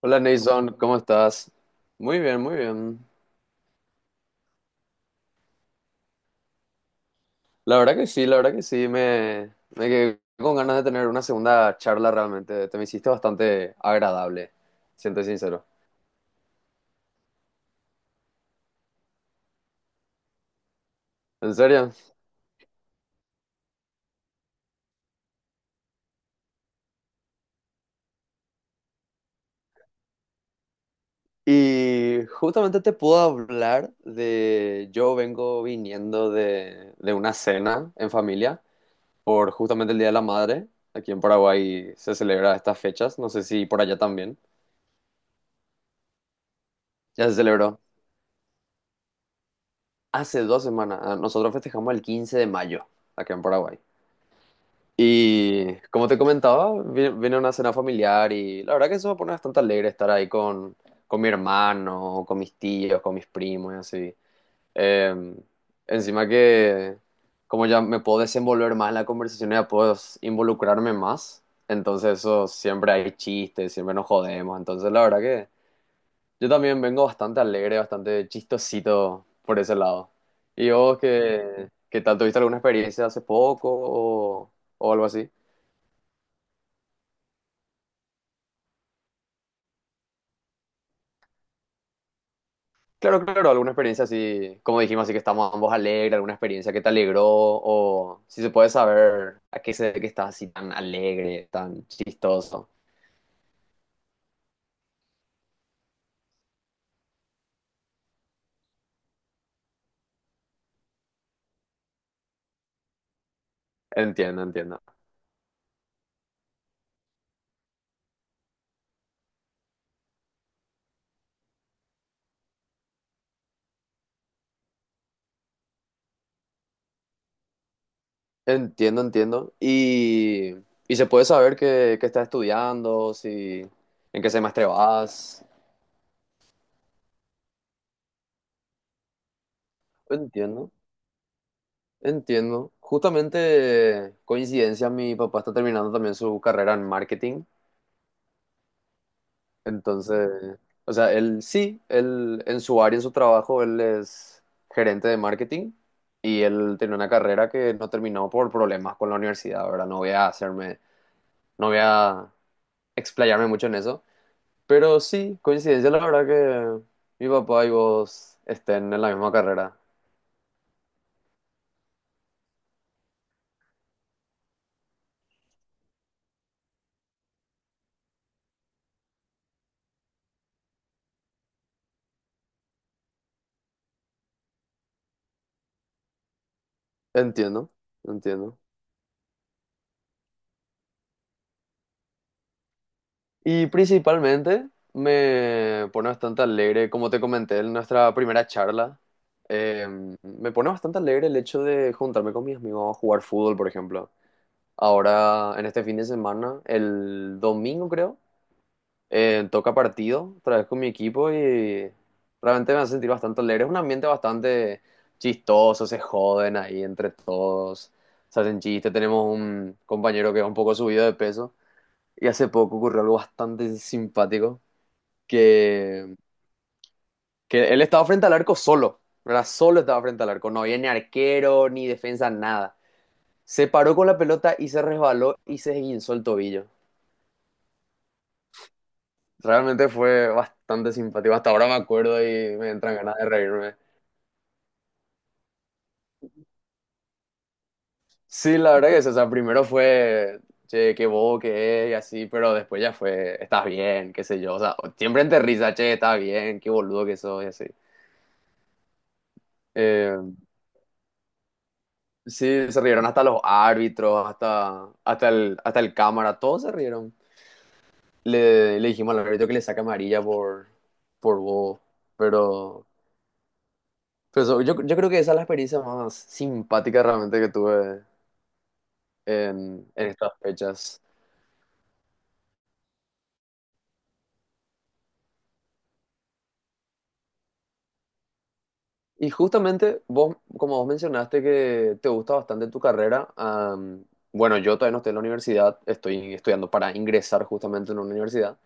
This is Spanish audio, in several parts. Hola Nason, ¿cómo estás? Muy bien, muy bien. La verdad que sí, la verdad que sí, me quedé con ganas de tener una segunda charla realmente. Te me hiciste bastante agradable, siento sincero. ¿En serio? Y justamente te puedo hablar de... Yo vengo viniendo de una cena en familia por justamente el Día de la Madre. Aquí en Paraguay se celebra estas fechas, no sé si por allá también. Ya se celebró hace 2 semanas. Ah, nosotros festejamos el 15 de mayo, acá en Paraguay. Y como te comentaba, viene una cena familiar y la verdad que eso me pone bastante alegre estar ahí con mi hermano, con mis tíos, con mis primos y así. Eh, Encima que como ya me puedo desenvolver más en la conversación, ya puedo involucrarme más. Entonces eso, siempre hay chistes, siempre nos jodemos. Entonces la verdad que yo también vengo bastante alegre, bastante chistosito por ese lado. ¿Y vos qué, tal? ¿Tuviste alguna experiencia hace poco o algo así? Claro, claro, alguna experiencia así, como dijimos, así que estamos ambos alegres, alguna experiencia que te alegró, o si se puede saber a qué se debe que estás así tan alegre, tan chistoso. Entiendo, entiendo. Entiendo, entiendo. Y se puede saber qué estás estudiando, si, en qué semestre vas. Entiendo, entiendo. Justamente, coincidencia, mi papá está terminando también su carrera en marketing. Entonces, o sea, él sí, él en su área, en su trabajo, él es gerente de marketing y él tenía una carrera que no terminó por problemas con la universidad, ¿verdad? No voy a hacerme, no voy a explayarme mucho en eso, pero sí, coincidencia, la verdad que mi papá y vos estén en la misma carrera. Entiendo, entiendo. Y principalmente me pone bastante alegre, como te comenté en nuestra primera charla, eh, me pone bastante alegre el hecho de juntarme con mis amigos a jugar fútbol, por ejemplo. Ahora, en este fin de semana, el domingo creo, toca partido otra vez con mi equipo y realmente me hace sentir bastante alegre. Es un ambiente bastante chistoso, se joden ahí entre todos, se hacen chistes. Tenemos un compañero que es un poco subido de peso. Y hace poco ocurrió algo bastante simpático que, que él estaba frente al arco solo, ¿verdad? Solo estaba frente al arco, no había ni arquero, ni defensa, nada. Se paró con la pelota y se resbaló y se esguinzó el tobillo. Realmente fue bastante simpático. Hasta ahora me acuerdo y me entran ganas de reírme. Sí, la verdad que sí. O sea, primero fue, che, qué bobo que es y así, pero después ya fue, estás bien, qué sé yo. O sea, siempre entre risa, che, estás bien, qué boludo que sos y así. Eh, Sí, se rieron hasta los árbitros, hasta el cámara, todos se rieron. le, dijimos al árbitro que le saca amarilla por bobo, pero, pero eso, yo creo que esa es la experiencia más simpática realmente que tuve en estas fechas. Y justamente vos, como vos mencionaste que te gusta bastante tu carrera, bueno, yo todavía no estoy en la universidad, estoy estudiando para ingresar justamente en una universidad.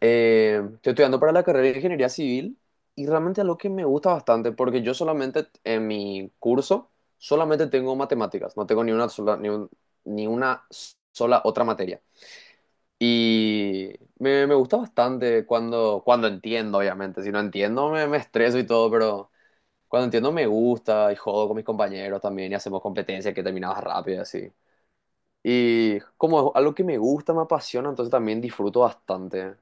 Estoy estudiando para la carrera de Ingeniería Civil y realmente es algo que me gusta bastante porque yo solamente en mi curso solamente tengo matemáticas, no tengo ni una sola, ni una sola otra materia. Y me, gusta bastante cuando entiendo, obviamente. Si no entiendo me estreso y todo, pero cuando entiendo me gusta y jodo con mis compañeros también y hacemos competencias que terminamos rápido y así. Y como es algo que me gusta, me apasiona, entonces también disfruto bastante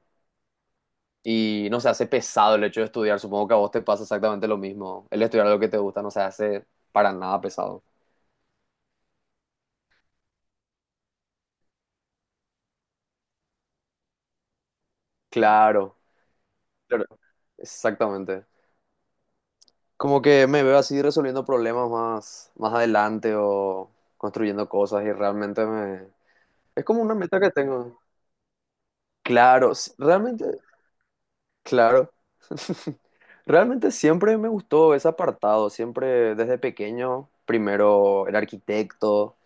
y no se hace pesado el hecho de estudiar. Supongo que a vos te pasa exactamente lo mismo. El estudiar algo que te gusta no se hace para nada pesado. Claro, claro, exactamente. Como que me veo así resolviendo problemas más adelante o construyendo cosas y realmente me... Es como una meta que tengo. Claro, realmente, claro. Realmente siempre me gustó ese apartado, siempre desde pequeño, primero el arquitecto,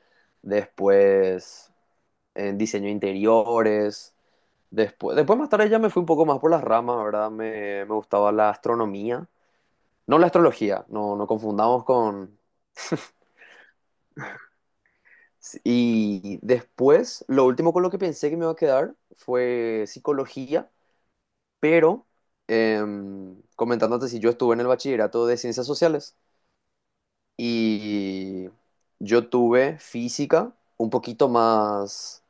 después en diseño de interiores. Después, después más tarde ya me fui un poco más por las ramas, ¿verdad? me gustaba la astronomía, no la astrología, no, no confundamos con... sí, y después, lo último con lo que pensé que me iba a quedar fue psicología, pero comentándote si yo estuve en el bachillerato de ciencias sociales y yo tuve física un poquito más,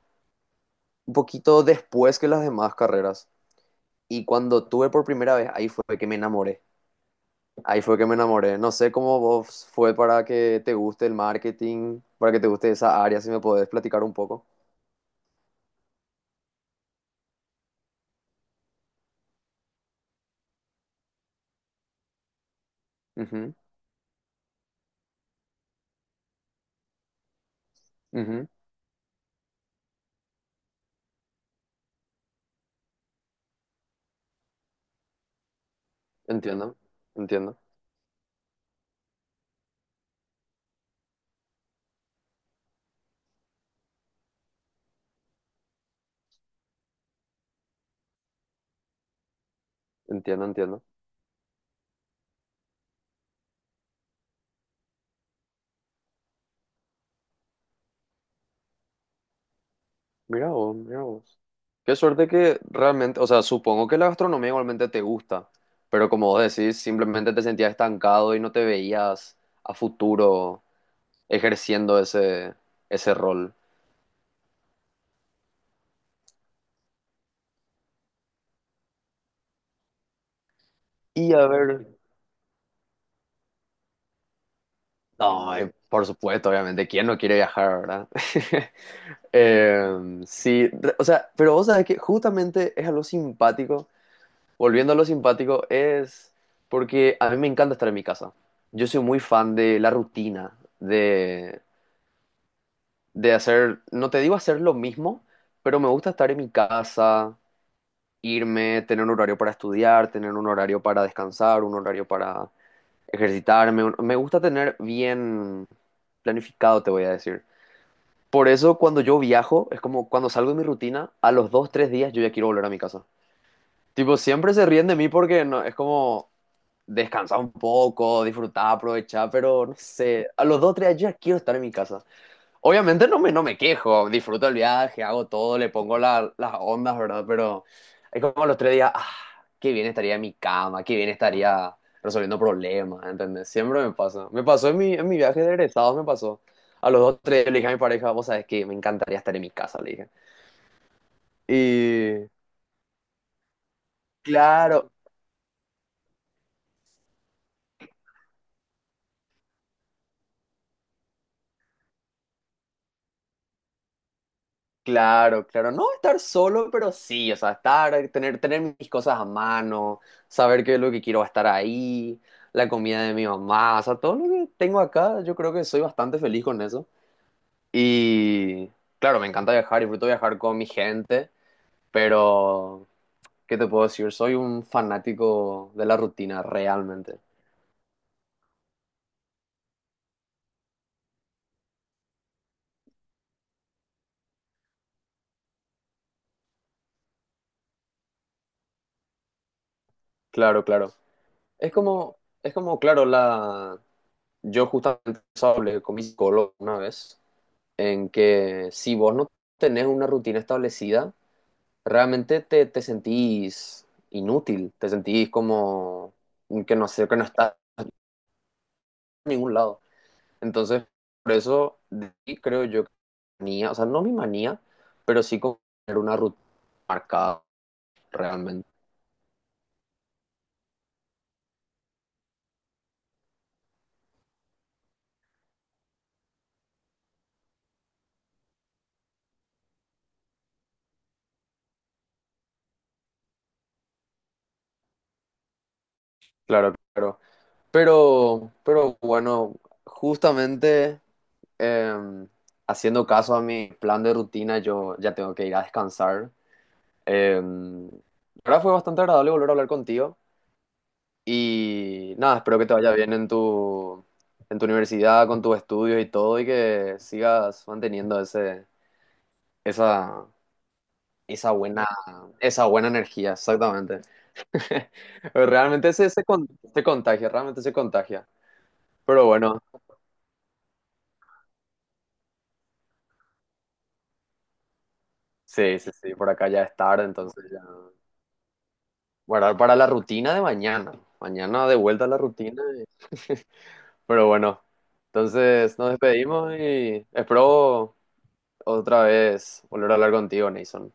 un poquito después que las demás carreras. Y cuando tuve por primera vez, ahí fue que me enamoré. Ahí fue que me enamoré. No sé cómo vos fue para que te guste el marketing, para que te guste esa área, si me podés platicar un poco. Ujú, ujú. Entiendo, entiendo, entiendo, entiendo. Mira vos, mira vos. Qué suerte que realmente, o sea, supongo que la gastronomía igualmente te gusta, pero como vos decís, simplemente te sentías estancado y no te veías a futuro ejerciendo ese, ese rol. Y a ver. No, por supuesto, obviamente. ¿Quién no quiere viajar, verdad? Sí, o sea, pero vos sabés que justamente es algo simpático. Volviendo a lo simpático, es porque a mí me encanta estar en mi casa. Yo soy muy fan de la rutina, de hacer, no te digo hacer lo mismo, pero me gusta estar en mi casa, irme, tener un horario para estudiar, tener un horario para descansar, un horario para ejercitarme. Me gusta tener bien planificado, te voy a decir. Por eso cuando yo viajo, es como cuando salgo de mi rutina, a los dos, tres días yo ya quiero volver a mi casa. Tipo, siempre se ríen de mí porque no, es como descansar un poco, disfrutar, aprovechar, pero no sé, a los dos, tres días yo ya quiero estar en mi casa. Obviamente no me, quejo, disfruto el viaje, hago todo, le pongo las ondas, ¿verdad? Pero es como los tres días, ah, qué bien estaría en mi cama, qué bien estaría resolviendo problemas, ¿entendés? Siempre me pasa. Me pasó en mi viaje de egresados, me pasó. A los dos, tres, le dije a mi pareja, vos sabés que me encantaría estar en mi casa, le dije. Y claro, claro, claro, no estar solo, pero sí, o sea, estar, tener mis cosas a mano, saber qué es lo que quiero va a estar ahí, la comida de mi mamá, o sea, todo lo que tengo acá, yo creo que soy bastante feliz con eso. Y claro, me encanta viajar, disfruto viajar con mi gente, pero, ¿qué te puedo decir? Soy un fanático de la rutina, realmente. Claro, claro. Es como, es como, claro, la, yo justamente hablé con mi psicólogo una vez en que si vos no tenés una rutina establecida, realmente te sentís inútil, te sentís como que no sé, que no estás en ningún lado. Entonces, por eso de ahí creo yo que manía, o sea, no mi manía, pero sí como tener una rutina marcada realmente. Claro, claro. Pero bueno, justamente eh, haciendo caso a mi plan de rutina, yo ya tengo que ir a descansar. La verdad fue bastante agradable volver a hablar contigo y nada, espero que te vaya bien en tu universidad, con tus estudios y todo y que sigas manteniendo ese, esa, esa buena, esa buena energía, exactamente. Realmente se contagia, realmente se contagia. Pero bueno, sí, sí, sí, por acá ya es tarde, entonces ya guardar para la rutina de mañana. Mañana de vuelta a la rutina. Y- Pero bueno, entonces nos despedimos y espero otra vez volver a hablar contigo, Nason.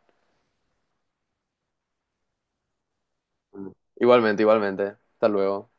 Igualmente, igualmente. Hasta luego.